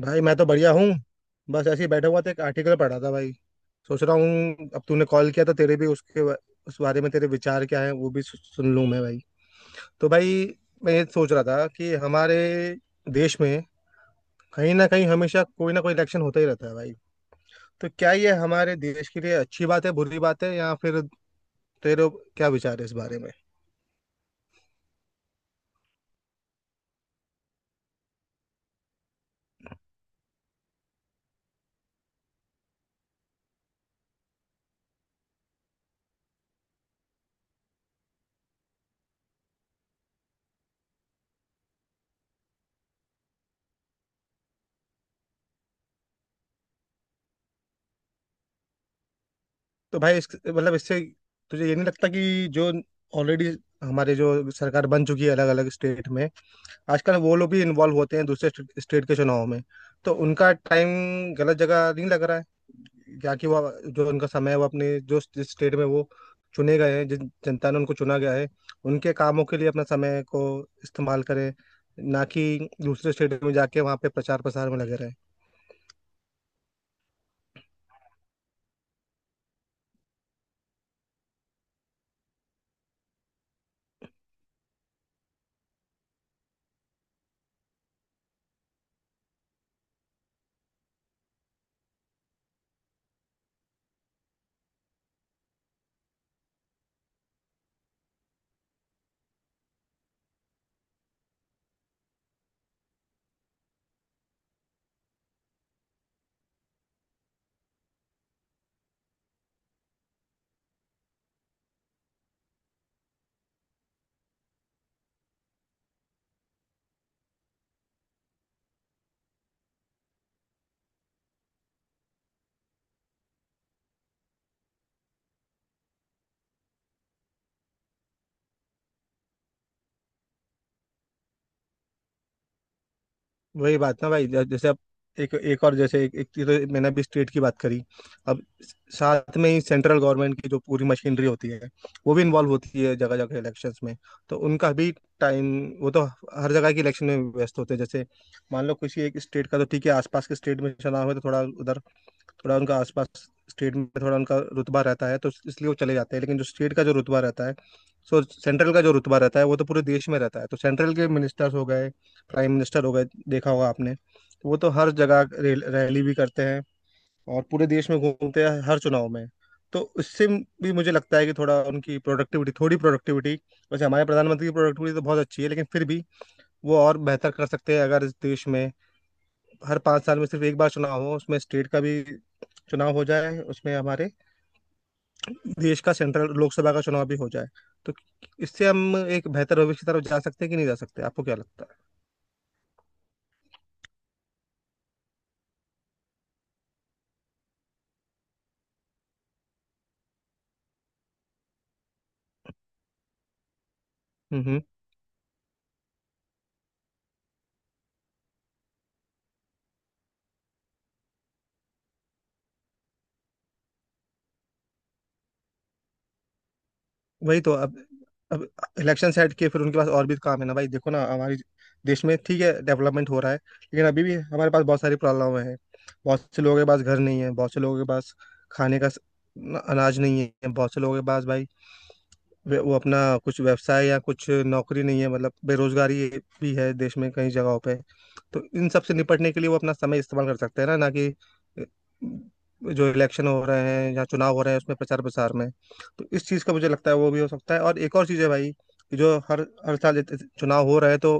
भाई मैं तो बढ़िया हूँ। बस ऐसे ही बैठा हुआ था, एक आर्टिकल पढ़ा था भाई। सोच रहा हूँ अब तूने कॉल किया तो तेरे भी उस बारे में तेरे विचार क्या है वो भी सुन लूँ मैं भाई। तो भाई मैं ये सोच रहा था कि हमारे देश में कहीं ना कहीं हमेशा कोई ना कोई इलेक्शन होता ही रहता है भाई। तो क्या ये हमारे देश के लिए अच्छी बात है, बुरी बात है, या फिर तेरे क्या विचार है इस बारे में? तो भाई मतलब इससे तुझे ये नहीं लगता कि जो ऑलरेडी हमारे जो सरकार बन चुकी है अलग अलग स्टेट में, आजकल वो लोग भी इन्वॉल्व होते हैं दूसरे स्टेट के चुनाव में। तो उनका टाइम गलत जगह नहीं लग रहा है क्या, कि वो जो उनका समय है वो अपने जो जिस स्टेट में वो चुने गए हैं, जिन जनता ने उनको चुना गया है, उनके कामों के लिए अपना समय को इस्तेमाल करें, ना कि दूसरे स्टेट में जाके वहाँ पे प्रचार प्रसार में लगे। वही बात ना भाई, जैसे अब एक एक और जैसे एक चीज़ तो मैंने अभी स्टेट की बात करी। अब साथ में ही सेंट्रल गवर्नमेंट की जो पूरी मशीनरी होती है वो भी इन्वॉल्व होती है जगह जगह इलेक्शंस में। तो उनका भी टाइम, वो तो हर जगह के इलेक्शन में व्यस्त होते हैं। जैसे मान लो किसी एक स्टेट का, तो ठीक है आसपास के स्टेट में चुनाव है तो थोड़ा उधर, थोड़ा उनका आसपास स्टेट में थोड़ा उनका रुतबा रहता है तो इसलिए वो चले जाते हैं, लेकिन जो स्टेट का जो रुतबा रहता है, सो सेंट्रल का जो रुतबा रहता है वो तो पूरे देश में रहता है। तो सेंट्रल के मिनिस्टर्स हो गए, प्राइम मिनिस्टर हो गए, देखा होगा आपने, वो तो हर जगह रैली भी करते हैं और पूरे देश में घूमते हैं हर चुनाव में। तो उससे भी मुझे लगता है कि थोड़ा उनकी प्रोडक्टिविटी, थोड़ी प्रोडक्टिविटी, वैसे हमारे प्रधानमंत्री की प्रोडक्टिविटी तो बहुत अच्छी है लेकिन फिर भी वो और बेहतर कर सकते हैं, अगर इस देश में हर पाँच साल में सिर्फ एक बार चुनाव हो, उसमें स्टेट का भी चुनाव हो जाए, उसमें हमारे देश का सेंट्रल लोकसभा का चुनाव भी हो जाए। तो इससे हम एक बेहतर भविष्य की तरफ जा सकते हैं कि नहीं जा सकते, आपको क्या लगता है? हम्म हम्म। वही तो, अब इलेक्शन सेट किए फिर उनके पास और भी काम है ना भाई। देखो ना हमारे देश में, ठीक है डेवलपमेंट हो रहा है लेकिन अभी भी हमारे पास बहुत सारी प्रॉब्लम है। बहुत से लोगों के पास घर नहीं है, बहुत से लोगों के पास खाने का अनाज नहीं है, बहुत से लोगों के पास भाई वो अपना कुछ व्यवसाय या कुछ नौकरी नहीं है, मतलब बेरोजगारी भी है देश में कई जगहों पे। तो इन सब से निपटने के लिए वो अपना समय इस्तेमाल कर सकते हैं ना, ना कि अ, जो इलेक्शन हो रहे हैं या चुनाव हो रहे हैं उसमें प्रचार प्रसार में। तो इस चीज़ का मुझे लगता है वो भी हो सकता है। और एक और चीज़ है भाई कि जो हर हर साल चुनाव हो रहे हैं तो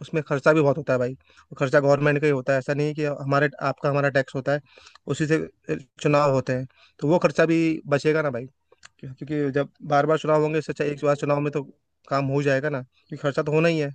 उसमें खर्चा भी बहुत होता है भाई। वो खर्चा गवर्नमेंट का ही होता है, ऐसा नहीं है, कि हमारे आपका हमारा टैक्स होता है उसी से चुनाव होते हैं। तो वो खर्चा भी बचेगा ना भाई, क्योंकि जब बार बार चुनाव होंगे, इससे अच्छा एक बार चुनाव में तो काम हो जाएगा ना, क्योंकि खर्चा तो होना ही है।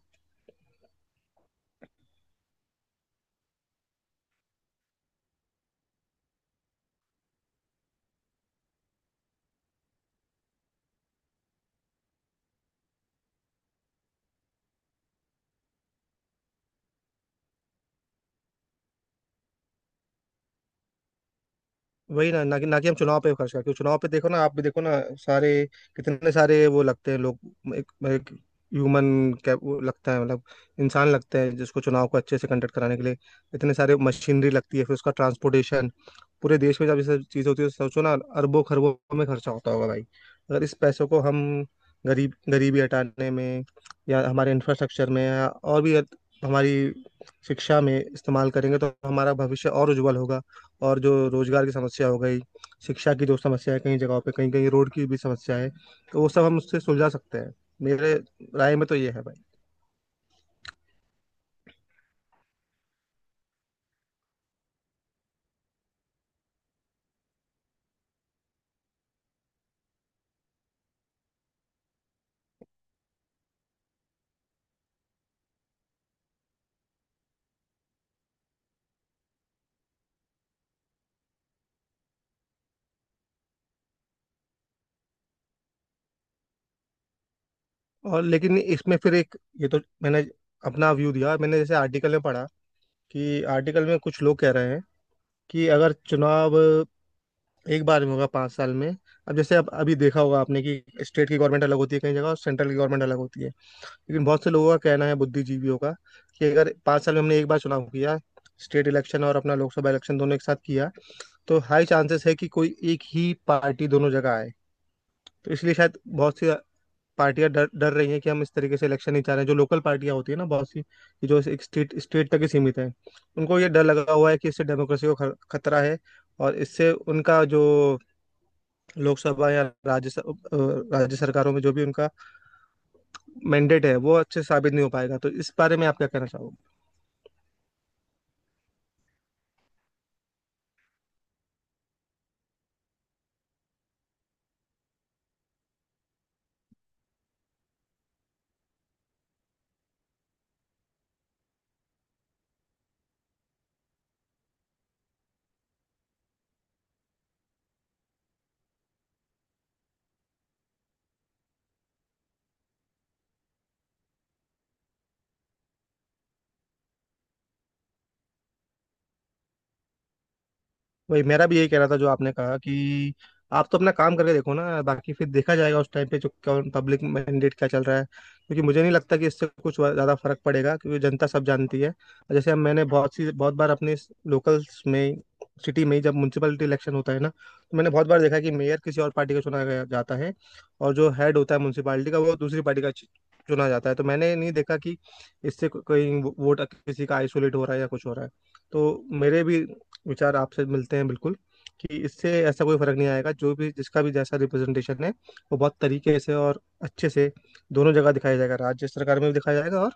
वही, ना ना कि हम चुनाव पे खर्च करते, क्योंकि चुनाव पे देखो ना, आप भी देखो ना, सारे कितने सारे वो लगते हैं लोग, एक ह्यूमन कैप वो लगता है मतलब इंसान लगते हैं जिसको चुनाव को अच्छे से कंडक्ट कराने के लिए। इतने सारे मशीनरी लगती है, फिर उसका ट्रांसपोर्टेशन, पूरे देश में जब ये सब चीज़ होती है, सोचो ना अरबों खरबों में खर्चा होता होगा भाई। अगर इस पैसों को हम गरीबी हटाने में या हमारे इंफ्रास्ट्रक्चर में या और भी हमारी शिक्षा में इस्तेमाल करेंगे तो हमारा भविष्य और उज्जवल होगा। और जो रोजगार की समस्या हो गई, शिक्षा की जो समस्या है कई जगहों पे, कहीं कहीं रोड की भी समस्या है, तो वो सब हम उससे सुलझा सकते हैं। मेरे राय में तो ये है भाई। और लेकिन इसमें फिर एक, ये तो मैंने अपना व्यू दिया, मैंने जैसे आर्टिकल में पढ़ा कि आर्टिकल में कुछ लोग कह रहे हैं कि अगर चुनाव एक बार में होगा 5 साल में। अब जैसे अब अभी देखा होगा आपने कि स्टेट की गवर्नमेंट अलग होती है कई जगह और सेंट्रल की गवर्नमेंट अलग होती है। लेकिन बहुत से लोगों का कहना है, बुद्धिजीवियों का, कि अगर 5 साल में हमने एक बार चुनाव किया, स्टेट इलेक्शन और अपना लोकसभा इलेक्शन दोनों एक साथ किया, तो हाई चांसेस है कि कोई एक ही पार्टी दोनों जगह आए। तो इसलिए शायद बहुत सी पार्टियां डर डर रही हैं कि हम इस तरीके से इलेक्शन नहीं चाह रहे हैं, जो लोकल पार्टियां होती है ना बहुत सी कि जो एक स्टेट स्टेट तक ही सीमित है। उनको ये डर लगा हुआ है कि इससे डेमोक्रेसी को खतरा है और इससे उनका जो लोकसभा या राज्य सरकारों में जो भी उनका मैंडेट है वो अच्छे से साबित नहीं हो पाएगा। तो इस बारे में आप क्या कहना चाहोगे? वही, मेरा भी यही कहना था जो आपने कहा कि आप तो अपना काम करके देखो ना, बाकी फिर देखा जाएगा उस टाइम पे जो कौन पब्लिक मैंडेट क्या चल रहा है। क्योंकि मुझे नहीं लगता कि इससे कुछ ज़्यादा फर्क पड़ेगा, क्योंकि जनता सब जानती है। और जैसे हम, मैंने बहुत सी बहुत बार अपने लोकल्स में, सिटी में ही जब म्यूनसिपलिटी इलेक्शन होता है ना, तो मैंने बहुत बार देखा कि मेयर किसी और पार्टी का चुना गया जाता है और जो हेड होता है म्यूनसिपालिटी का वो दूसरी पार्टी का चुना जाता है। तो मैंने नहीं देखा कि इससे कोई वोट किसी का आइसोलेट हो रहा है या कुछ हो रहा है। तो मेरे भी विचार आपसे मिलते हैं बिल्कुल, कि इससे ऐसा कोई फर्क नहीं आएगा, जो भी जिसका भी जैसा रिप्रेजेंटेशन है वो बहुत तरीके से और अच्छे से दोनों जगह दिखाया जाएगा, राज्य सरकार में भी दिखाया जाएगा और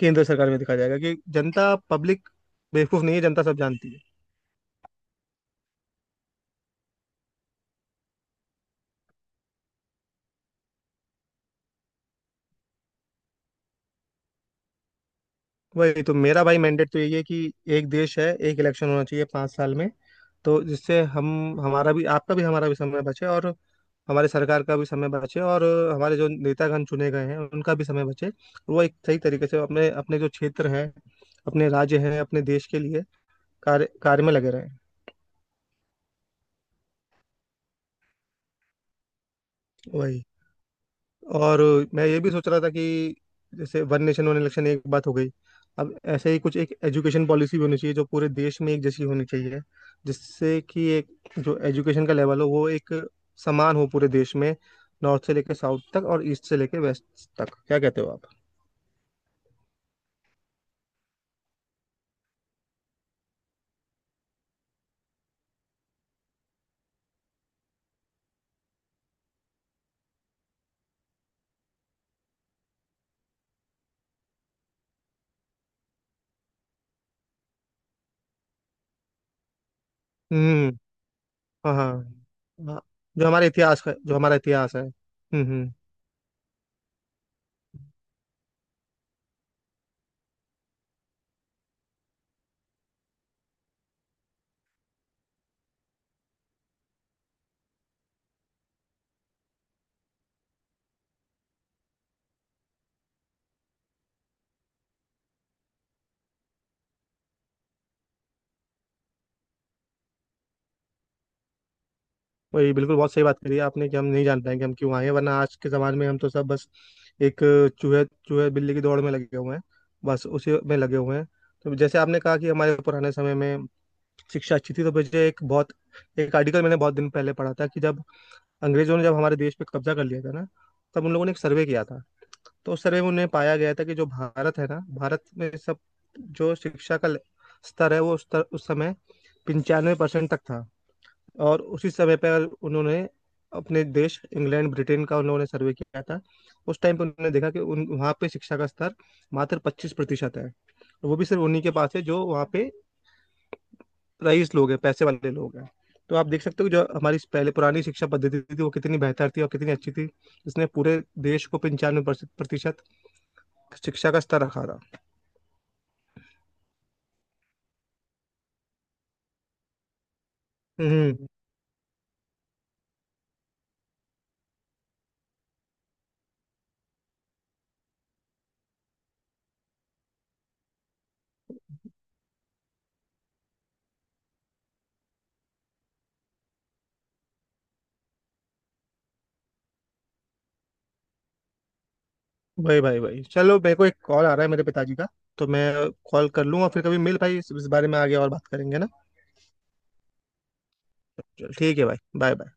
केंद्र सरकार में भी दिखाया जाएगा, कि जनता पब्लिक बेवकूफ नहीं है, जनता सब जानती है। वही तो, मेरा भाई मैंडेट तो यही है कि एक देश है एक इलेक्शन होना चाहिए 5 साल में। तो जिससे हम, हमारा भी, आपका भी, हमारा भी समय बचे और हमारी सरकार का भी समय बचे और हमारे जो नेतागण चुने गए हैं उनका भी समय बचे। वो एक सही तरीके से अपने अपने जो क्षेत्र हैं, अपने राज्य हैं, अपने देश के लिए कार्य कार्य में लगे रहें। वही। और मैं ये भी सोच रहा था कि जैसे वन नेशन वन इलेक्शन एक बात हो गई, अब ऐसे ही कुछ एक एजुकेशन पॉलिसी भी होनी चाहिए जो पूरे देश में एक जैसी होनी चाहिए, जिससे कि एक जो एजुकेशन का लेवल हो वो एक समान हो पूरे देश में, नॉर्थ से लेकर साउथ तक और ईस्ट से लेकर वेस्ट तक। क्या कहते हो आप? हम्म। हाँ हाँ। हाँ, जो हमारे इतिहास का, जो हमारा इतिहास है। वही, बिल्कुल, बहुत सही बात करी है आपने, कि हम नहीं जान पाएंगे हम क्यों आए हैं, वरना आज के ज़माने में हम तो सब बस एक चूहे चूहे बिल्ली की दौड़ में लगे हुए हैं। बस उसी में लगे हुए हैं। तो जैसे आपने कहा कि हमारे पुराने समय में शिक्षा अच्छी थी, तो मुझे एक बहुत, एक आर्टिकल मैंने बहुत दिन पहले पढ़ा था कि जब अंग्रेजों ने जब हमारे देश पे कब्जा कर लिया था ना, तब उन लोगों ने एक सर्वे किया था। तो उस सर्वे में उन्हें पाया गया था कि जो भारत है ना, भारत में सब जो शिक्षा का स्तर है वो उस समय 95% तक था। और उसी समय पर उन्होंने अपने देश इंग्लैंड ब्रिटेन का उन्होंने सर्वे किया था। उस टाइम पर उन्होंने देखा कि उन वहाँ पे शिक्षा का स्तर मात्र 25% है, और वो भी सिर्फ उन्हीं के पास है जो वहाँ पे रईस लोग हैं, पैसे वाले लोग हैं। तो आप देख सकते हो जो हमारी पहले पुरानी शिक्षा पद्धति थी वो कितनी बेहतर थी और कितनी अच्छी थी। इसने पूरे देश को 95% शिक्षा का स्तर रखा था। हम्म। भाई भाई भाई चलो, मेरे को एक कॉल आ रहा है मेरे पिताजी का, तो मैं कॉल कर लूँ और फिर कभी मिल भाई, इस बारे में आगे और बात करेंगे ना। चल ठीक है भाई, बाय बाय।